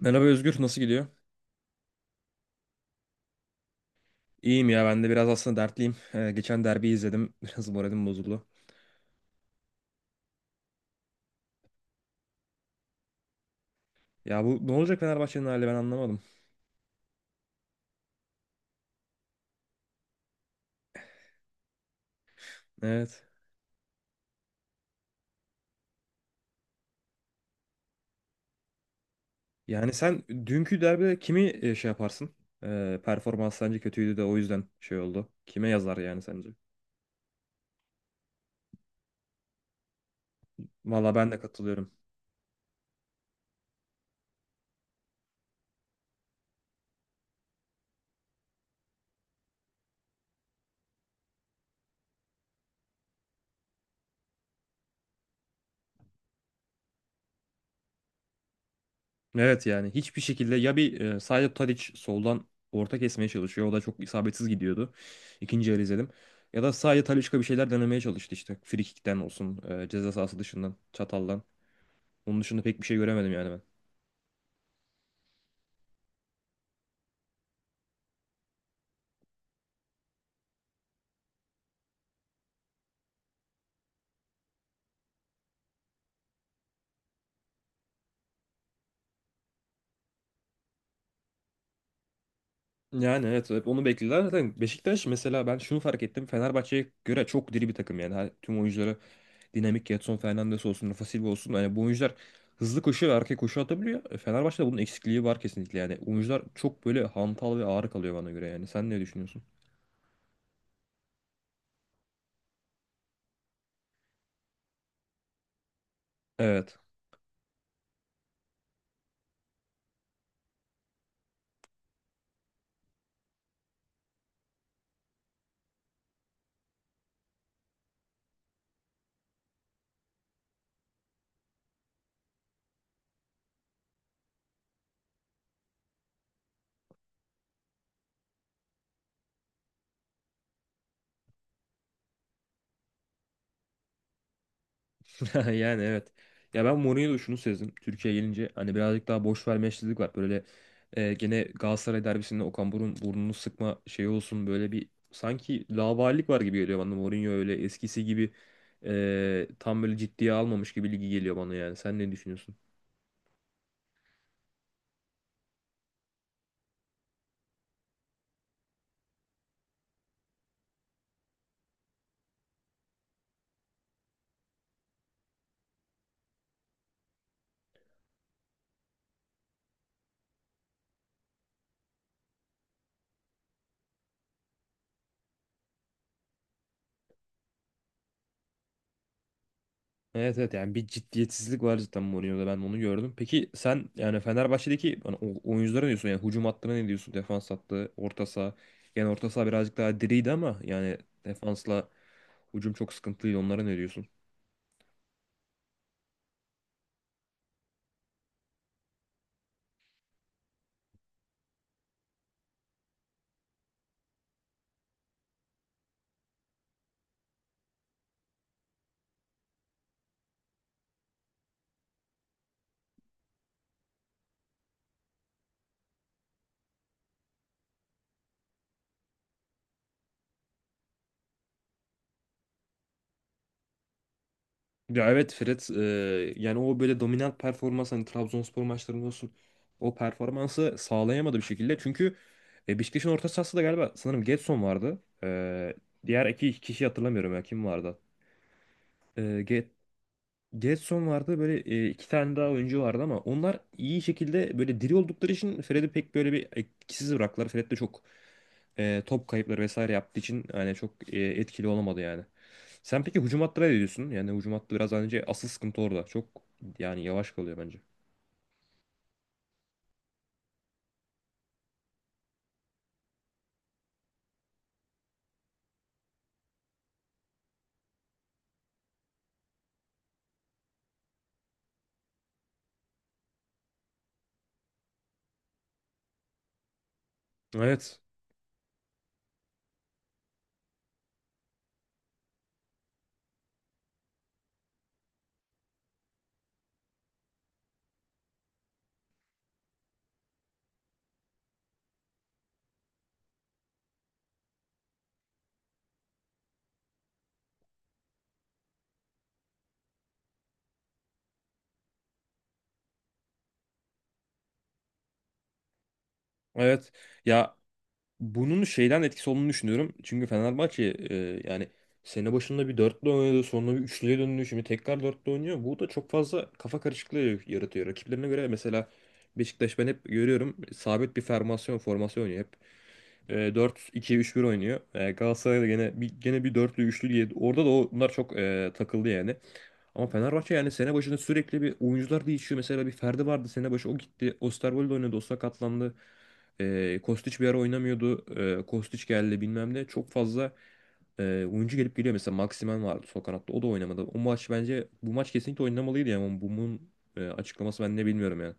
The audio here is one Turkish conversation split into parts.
Merhaba Özgür, nasıl gidiyor? İyiyim ya, ben de biraz aslında dertliyim. Geçen derbiyi izledim, biraz moralim bozuldu. Ya bu ne olacak Fenerbahçe'nin hali ben anlamadım. Evet. Yani sen dünkü derbide kimi şey yaparsın? Performans sence kötüydü de o yüzden şey oldu. Kime yazar yani sence? Valla ben de katılıyorum. Evet yani hiçbir şekilde ya bir Saido Tadic soldan orta kesmeye çalışıyor. O da çok isabetsiz gidiyordu. İkinci yarı izledim. Ya da sadece Talisca bir şeyler denemeye çalıştı işte. Frikikten olsun, ceza sahası dışından, çataldan. Onun dışında pek bir şey göremedim yani ben. Yani evet hep onu bekliyorlar. Zaten Beşiktaş mesela ben şunu fark ettim. Fenerbahçe'ye göre çok diri bir takım yani. Tüm oyuncuları dinamik Gedson Fernandes olsun, Rafa Silva olsun. Yani bu oyuncular hızlı koşuyor ve arkaya koşu atabiliyor. Fenerbahçe'de bunun eksikliği var kesinlikle yani. Oyuncular çok böyle hantal ve ağır kalıyor bana göre yani. Sen ne düşünüyorsun? Evet. Yani evet. Ya ben Mourinho'da şunu sezdim. Türkiye'ye gelince hani birazcık daha boş vermeçlilik var. Böyle gene Galatasaray derbisinde Okan Burun burnunu sıkma şeyi olsun böyle bir sanki laubalilik var gibi geliyor bana. Mourinho öyle eskisi gibi tam böyle ciddiye almamış gibi ligi geliyor bana yani. Sen ne düşünüyorsun? Evet evet yani bir ciddiyetsizlik var zaten Mourinho'da ben onu gördüm. Peki sen yani Fenerbahçe'deki hani oyunculara ne diyorsun? Yani hücum hattına ne diyorsun? Defans hattı, orta saha. Yani orta saha birazcık daha diriydi ama yani defansla hücum çok sıkıntılıydı. Onlara ne diyorsun? Ya evet Fred yani o böyle dominant performans hani Trabzonspor maçlarında olsun o performansı sağlayamadı bir şekilde. Çünkü Beşiktaş'ın orta sahası da galiba sanırım Gedson vardı. Diğer iki kişi hatırlamıyorum ya kim vardı. Gedson vardı böyle iki tane daha oyuncu vardı ama onlar iyi şekilde böyle diri oldukları için Fred'i pek böyle bir etkisiz bıraktılar. Fred de çok top kayıpları vesaire yaptığı için yani çok etkili olamadı yani. Sen peki hücum hattına ne diyorsun? Yani hücum hattı biraz önce asıl sıkıntı orada. Çok yani yavaş kalıyor bence. Evet. Evet. Ya bunun şeyden etkisi olduğunu düşünüyorum. Çünkü Fenerbahçe e, yani sene başında bir dörtlü oynadı, sonra bir üçlüye döndü, şimdi tekrar dörtlü oynuyor. Bu da çok fazla kafa karışıklığı yaratıyor. Rakiplerine göre mesela Beşiktaş ben hep görüyorum sabit bir formasyon formasyon oynuyor hep. 4-2-3-1 oynuyor. Galatasaray da gene bir dörtlü üçlü diye orada da onlar çok takıldı yani. Ama Fenerbahçe yani sene başında sürekli bir oyuncular değişiyor. Mesela bir Ferdi vardı sene başı o gitti. Osterwolde oynadı. O sakatlandı. E, Kostić bir ara oynamıyordu. Kostić geldi bilmem ne. Çok fazla e, oyuncu gelip geliyor. Mesela Maximen vardı sol kanatta. O da oynamadı. O maç bence bu maç kesinlikle oynamalıydı yani. Ama bunun açıklaması ben ne bilmiyorum yani.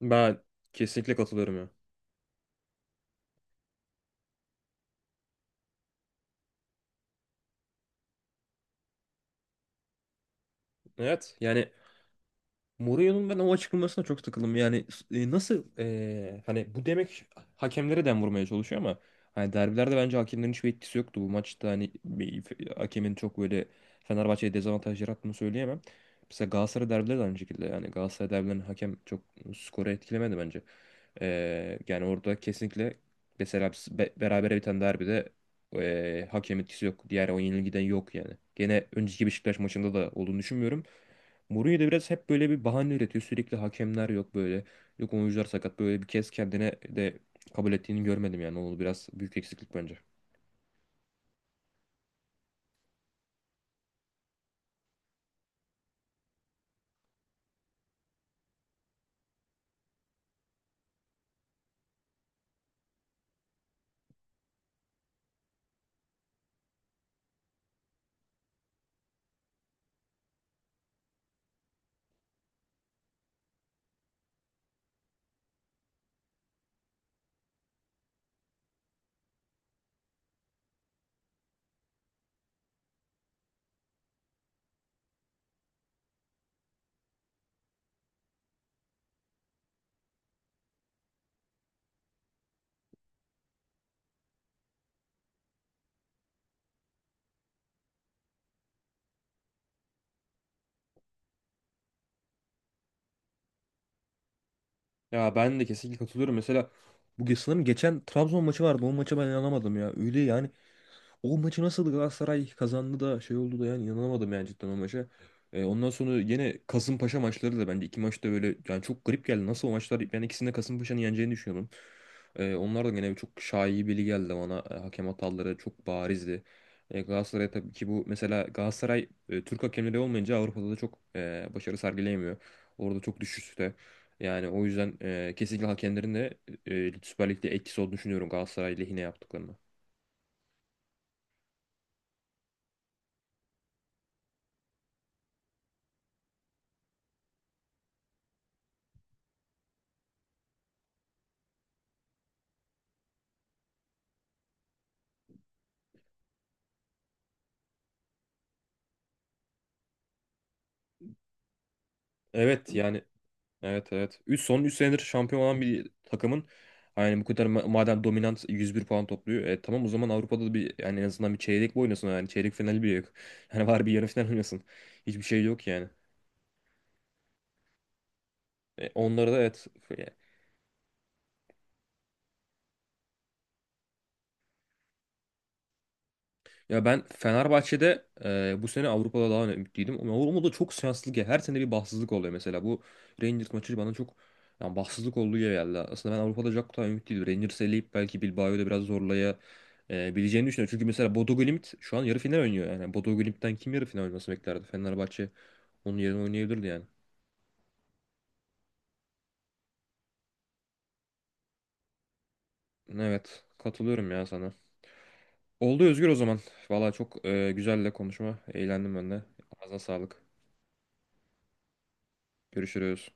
Ben kesinlikle katılıyorum ya. Evet yani Mourinho'nun ben o açıklamasına çok takıldım. Yani nasıl hani bu demek hakemlere dem vurmaya çalışıyor ama hani derbilerde bence hakemlerin hiçbir etkisi yoktu. Bu maçta hani hakemin çok böyle Fenerbahçe'ye dezavantaj yarattığını söyleyemem. Mesela Galatasaray derbileri de aynı şekilde. Yani Galatasaray derbilerinin hakem çok skoru etkilemedi bence. Yani orada kesinlikle mesela biz berabere biten derbide hakem etkisi yok. Diğer o yenilgiden yok yani. Gene önceki Beşiktaş maçında da olduğunu düşünmüyorum. Mourinho da biraz hep böyle bir bahane üretiyor. Sürekli hakemler yok böyle. Yok oyuncular sakat. Böyle bir kez kendine de kabul ettiğini görmedim yani. O biraz büyük eksiklik bence. Ya ben de kesinlikle katılıyorum. Mesela bu sanırım geçen Trabzon maçı vardı. O maça ben inanamadım ya. Öyle yani. O maçı nasıl Galatasaray kazandı da şey oldu da yani inanamadım yani cidden o maça. Ondan sonra yine Kasımpaşa maçları da bence iki maçta böyle yani çok garip geldi. Nasıl o maçlar ben ikisinde Kasımpaşa'nın yeneceğini düşünüyordum. Onlar da gene çok şaibeli geldi bana. Hakem hataları çok barizdi. Galatasaray tabii ki bu mesela Galatasaray Türk hakemleri olmayınca Avrupa'da da çok başarı sergileyemiyor. Orada çok düşüşte. Yani o yüzden kesinlikle hakemlerin de Süper Lig'de etkisi olduğunu düşünüyorum Galatasaray lehine yaptıklarını. Evet yani. Evet evet. 3 son 3 senedir şampiyon olan bir takımın yani bu kadar madem dominant 101 puan topluyor. Tamam o zaman Avrupa'da da bir yani en azından bir çeyrek bir oynasın yani çeyrek finali bile yok. Yani var bir yarı final oynasın. Hiçbir şey yok yani. Onlara da evet. Ya ben Fenerbahçe'de bu sene Avrupa'da daha ümitliydim. Ama Avrupa'da çok şanssızlık ya. Her sene bir bahtsızlık oluyor mesela. Bu Rangers maçı bana çok yani bahtsızlık olduğu gibi geldi. Aslında ben Avrupa'da çok daha ümitliydim. Rangers'ı eleyip belki Bilbao'yu da biraz zorlaya bileceğini düşünüyorum. Çünkü mesela Bodo Glimt şu an yarı final oynuyor. Yani Bodo Glimt'ten kim yarı final oynaması beklerdi? Fenerbahçe onun yerine oynayabilirdi yani. Evet katılıyorum ya sana. Oldu Özgür o zaman. Valla çok güzel de konuşma. Eğlendim ben de. Ağzına sağlık. Görüşürüz.